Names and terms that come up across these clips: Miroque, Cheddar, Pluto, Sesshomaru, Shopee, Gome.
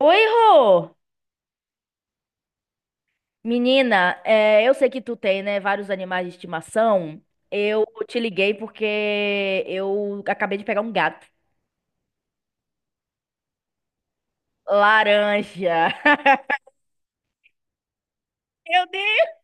Oi, Rô! Menina, eu sei que tu tem, né, vários animais de estimação. Eu te liguei porque eu acabei de pegar um gato. Laranja. Meu Deus!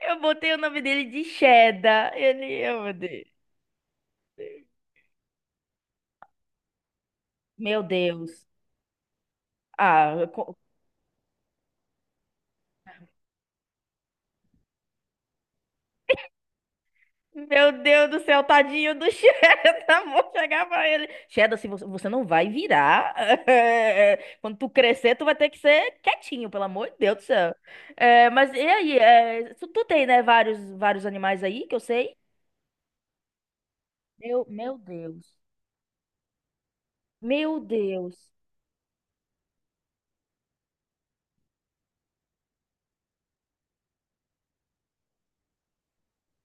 Eu botei o nome dele de Cheddar. Ele, oh, meu Deus. Meu Deus. Ah. Meu Deus do céu, tadinho do Cheddar, amor, chegar pra ele. Cheddar, se você não vai virar. Quando tu crescer, tu vai ter que ser quietinho, pelo amor de Deus do céu. Mas e aí? Tu tem, né, vários animais aí que eu sei? Meu Deus. Meu Deus.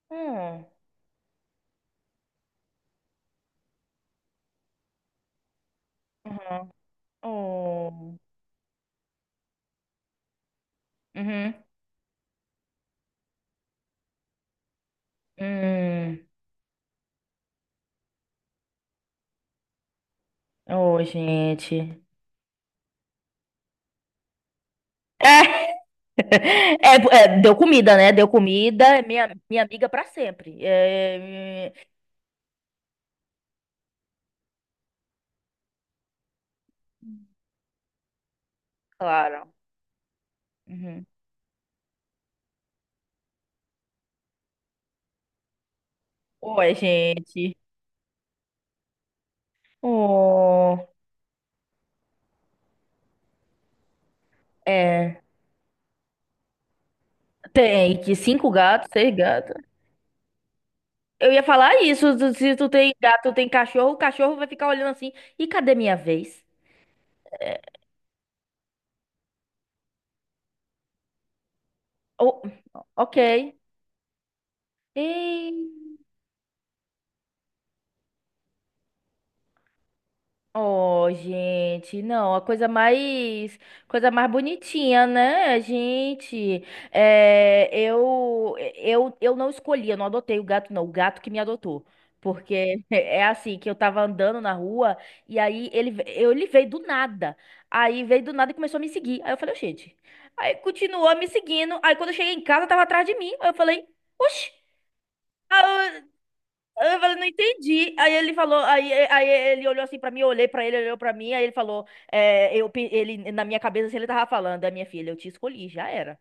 Hum. Uhum. Oh. Uhum. Hum. Oh, gente. É, deu comida, né? Deu comida, é minha amiga pra sempre. É. Claro. Uhum. Oi, gente. Oh, é. Tem que cinco gatos, seis gatos. Eu ia falar isso. Se tu tem gato, tem cachorro, o cachorro vai ficar olhando assim. E cadê minha vez? É, oh, ok. Ei. Oh, gente, não, a coisa mais bonitinha, né, gente? É, eu não escolhi, eu não adotei o gato, não, o gato que me adotou. Porque é assim, que eu tava andando na rua e aí ele veio do nada. Aí veio do nada e começou a me seguir. Aí eu falei, gente. Aí continuou me seguindo. Aí quando eu cheguei em casa, tava atrás de mim. Aí eu falei, oxi. Aí eu falei, não entendi. Aí ele falou, aí ele olhou assim pra mim, eu olhei pra ele, ele olhou pra mim, aí ele falou, ele, na minha cabeça, assim, ele tava falando, é minha filha, eu te escolhi, já era.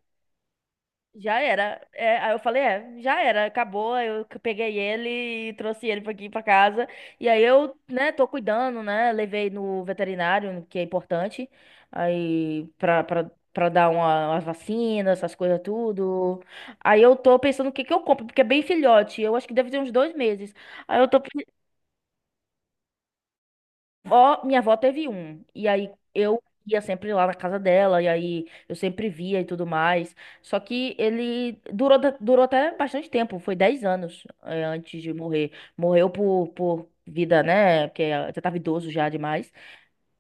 Já era. É, aí eu falei, é, já era, acabou. Aí eu que peguei ele e trouxe ele pra aqui pra casa. E aí eu, né, tô cuidando, né? Levei no veterinário, que é importante, aí pra dar uma vacina, essas coisas tudo. Aí eu tô pensando o que que eu compro, porque é bem filhote. Eu acho que deve ter uns 2 meses. Aí eu tô Ó, minha avó teve um. E aí eu ia sempre lá na casa dela, e aí eu sempre via e tudo mais. Só que ele durou, durou até bastante tempo, foi 10 anos , antes de morrer. Morreu por vida, né? Porque já tava idoso já demais.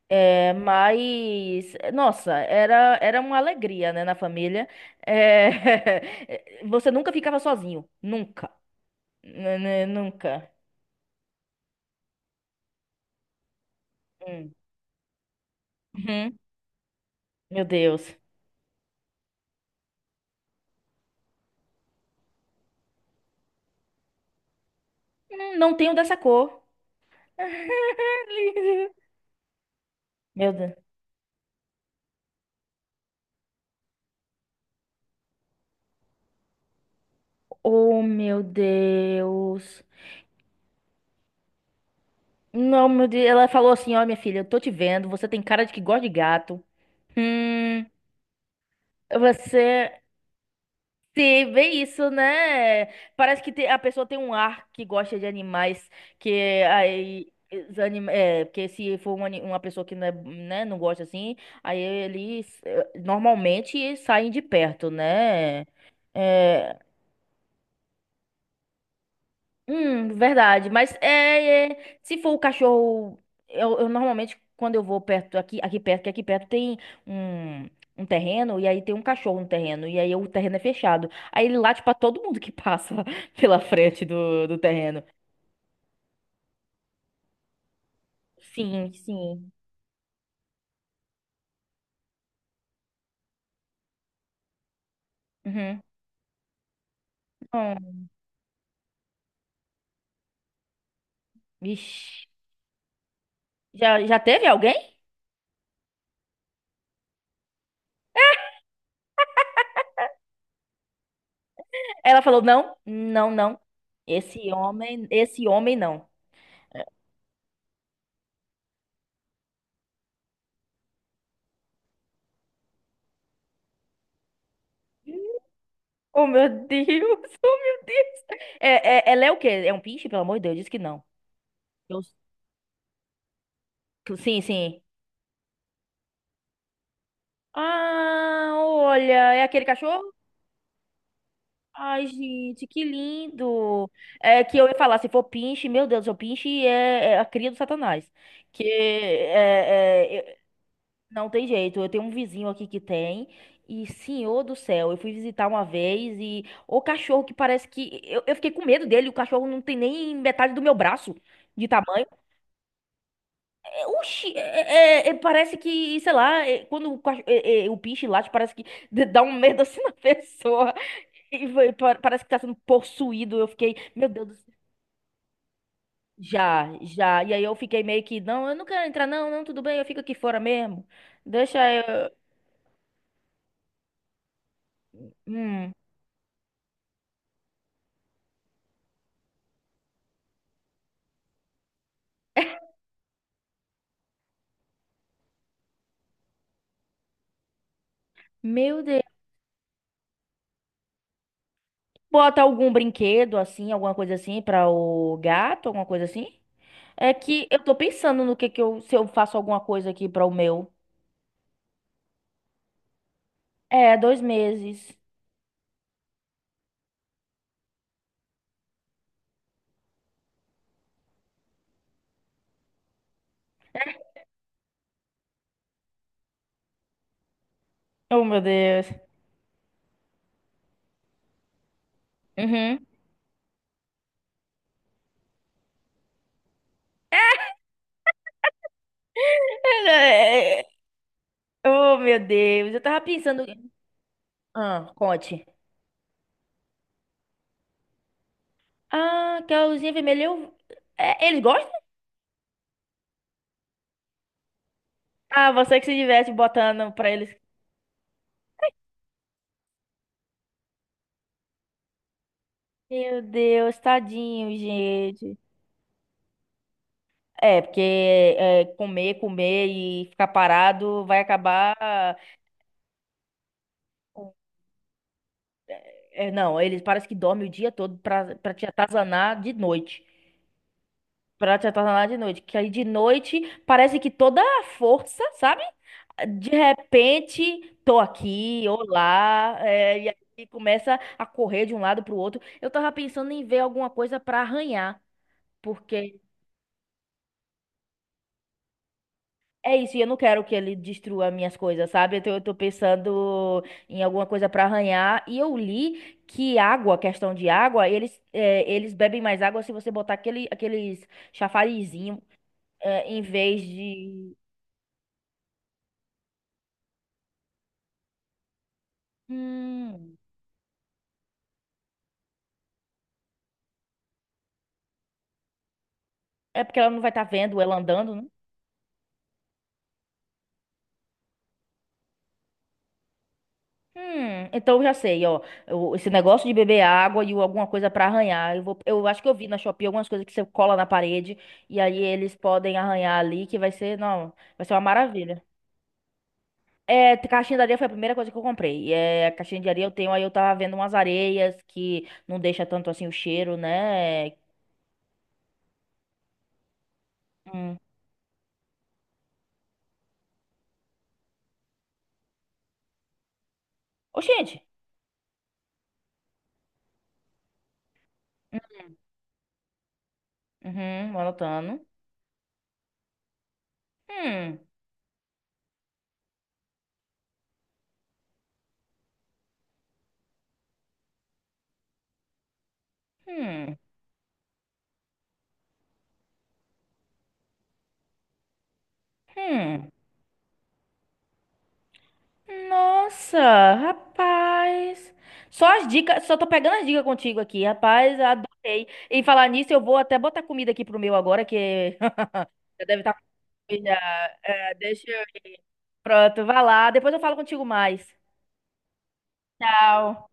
É, mas, nossa, era uma alegria, né, na família. É, você nunca ficava sozinho. Nunca. Nunca. Hum. Uhum. Meu Deus. Hum. Não tenho dessa cor. Meu Deus. Oh, meu Deus. Não, meu Deus. Ela falou assim: Ó, minha filha, eu tô te vendo. Você tem cara de que gosta de gato. Hum, você. Sim, bem isso, né? Parece que a pessoa tem um ar que gosta de animais, que aí. É, porque se for uma pessoa que não, né, não gosta assim, aí eles normalmente saem de perto, né? É, hum, verdade. Mas é, se for o cachorro, eu normalmente quando eu vou perto aqui, aqui perto, que aqui perto tem um, um terreno e aí tem um cachorro no terreno e aí o terreno é fechado. Aí ele late pra todo mundo que passa pela frente do terreno. Sim, sim. Uhum. Hum. Vixe. Já, já teve alguém? Ela falou não, não, não. Esse homem não. Oh, meu Deus, oh, meu Deus. É, ela é o quê? É um pinche, pelo amor de Deus, disse que não. Eu- Sim, sim. Ah, olha, é aquele cachorro? Ai, gente, que lindo. É que eu ia falar, se for pinche, meu Deus, o pinche é a cria do Satanás. Que não tem jeito. Eu tenho um vizinho aqui que tem. E, senhor do céu, eu fui visitar uma vez e o cachorro que parece que. Eu fiquei com medo dele, o cachorro não tem nem metade do meu braço de tamanho. Oxi, é, parece que, sei lá, quando o, cach- é, é, o bicho late, parece que dá um medo assim na pessoa. E parece que tá sendo possuído. Eu fiquei, meu Deus do céu. Já, já. E aí eu fiquei meio que, não, eu não quero entrar, não, não, tudo bem, eu fico aqui fora mesmo. Deixa eu. Hum, meu Deus. Bota algum brinquedo assim, alguma coisa assim, pra o gato, alguma coisa assim. É que eu tô pensando no que eu, se eu faço alguma coisa aqui para o meu. É, 2 meses. Oh, meu Deus. Uhum. É, oh, meu Deus. Eu tava pensando. Ah, conte. Ah, que a luzinha vermelha. Eu. É, eles gostam? Ah, você que se diverte botando pra eles. Meu Deus, tadinho, gente. É, porque comer, comer e ficar parado vai acabar. É, não, eles parecem que dormem o dia todo pra te atazanar de noite. Pra te atornar de noite. Que aí de noite parece que toda a força, sabe? De repente, tô aqui, olá, e aí começa a correr de um lado pro outro. Eu tava pensando em ver alguma coisa pra arranhar, porque é isso, e eu não quero que ele destrua minhas coisas, sabe? Então eu tô pensando em alguma coisa pra arranhar. E eu li que água, questão de água, eles bebem mais água se você botar aqueles chafarizinho, em vez de. Hum. É porque ela não vai estar vendo ela andando, né? Então eu já sei, ó. Esse negócio de beber água e alguma coisa pra arranhar. Eu acho que eu vi na Shopee algumas coisas que você cola na parede e aí eles podem arranhar ali, que vai ser, não, vai ser uma maravilha. É, caixinha de areia foi a primeira coisa que eu comprei. É, a caixinha de areia eu tenho, aí eu tava vendo umas areias que não deixa tanto assim o cheiro, né? Hum. Ô, gente. Hum, uhum, anotando. Hum, hum, hum. Nossa, rapaz. Só as dicas, só tô pegando as dicas contigo aqui, rapaz, adorei. E falar nisso, eu vou até botar comida aqui pro meu agora, que já deve estar com fome já. É, deixa eu ir. Pronto, vai lá. Depois eu falo contigo mais. Tchau.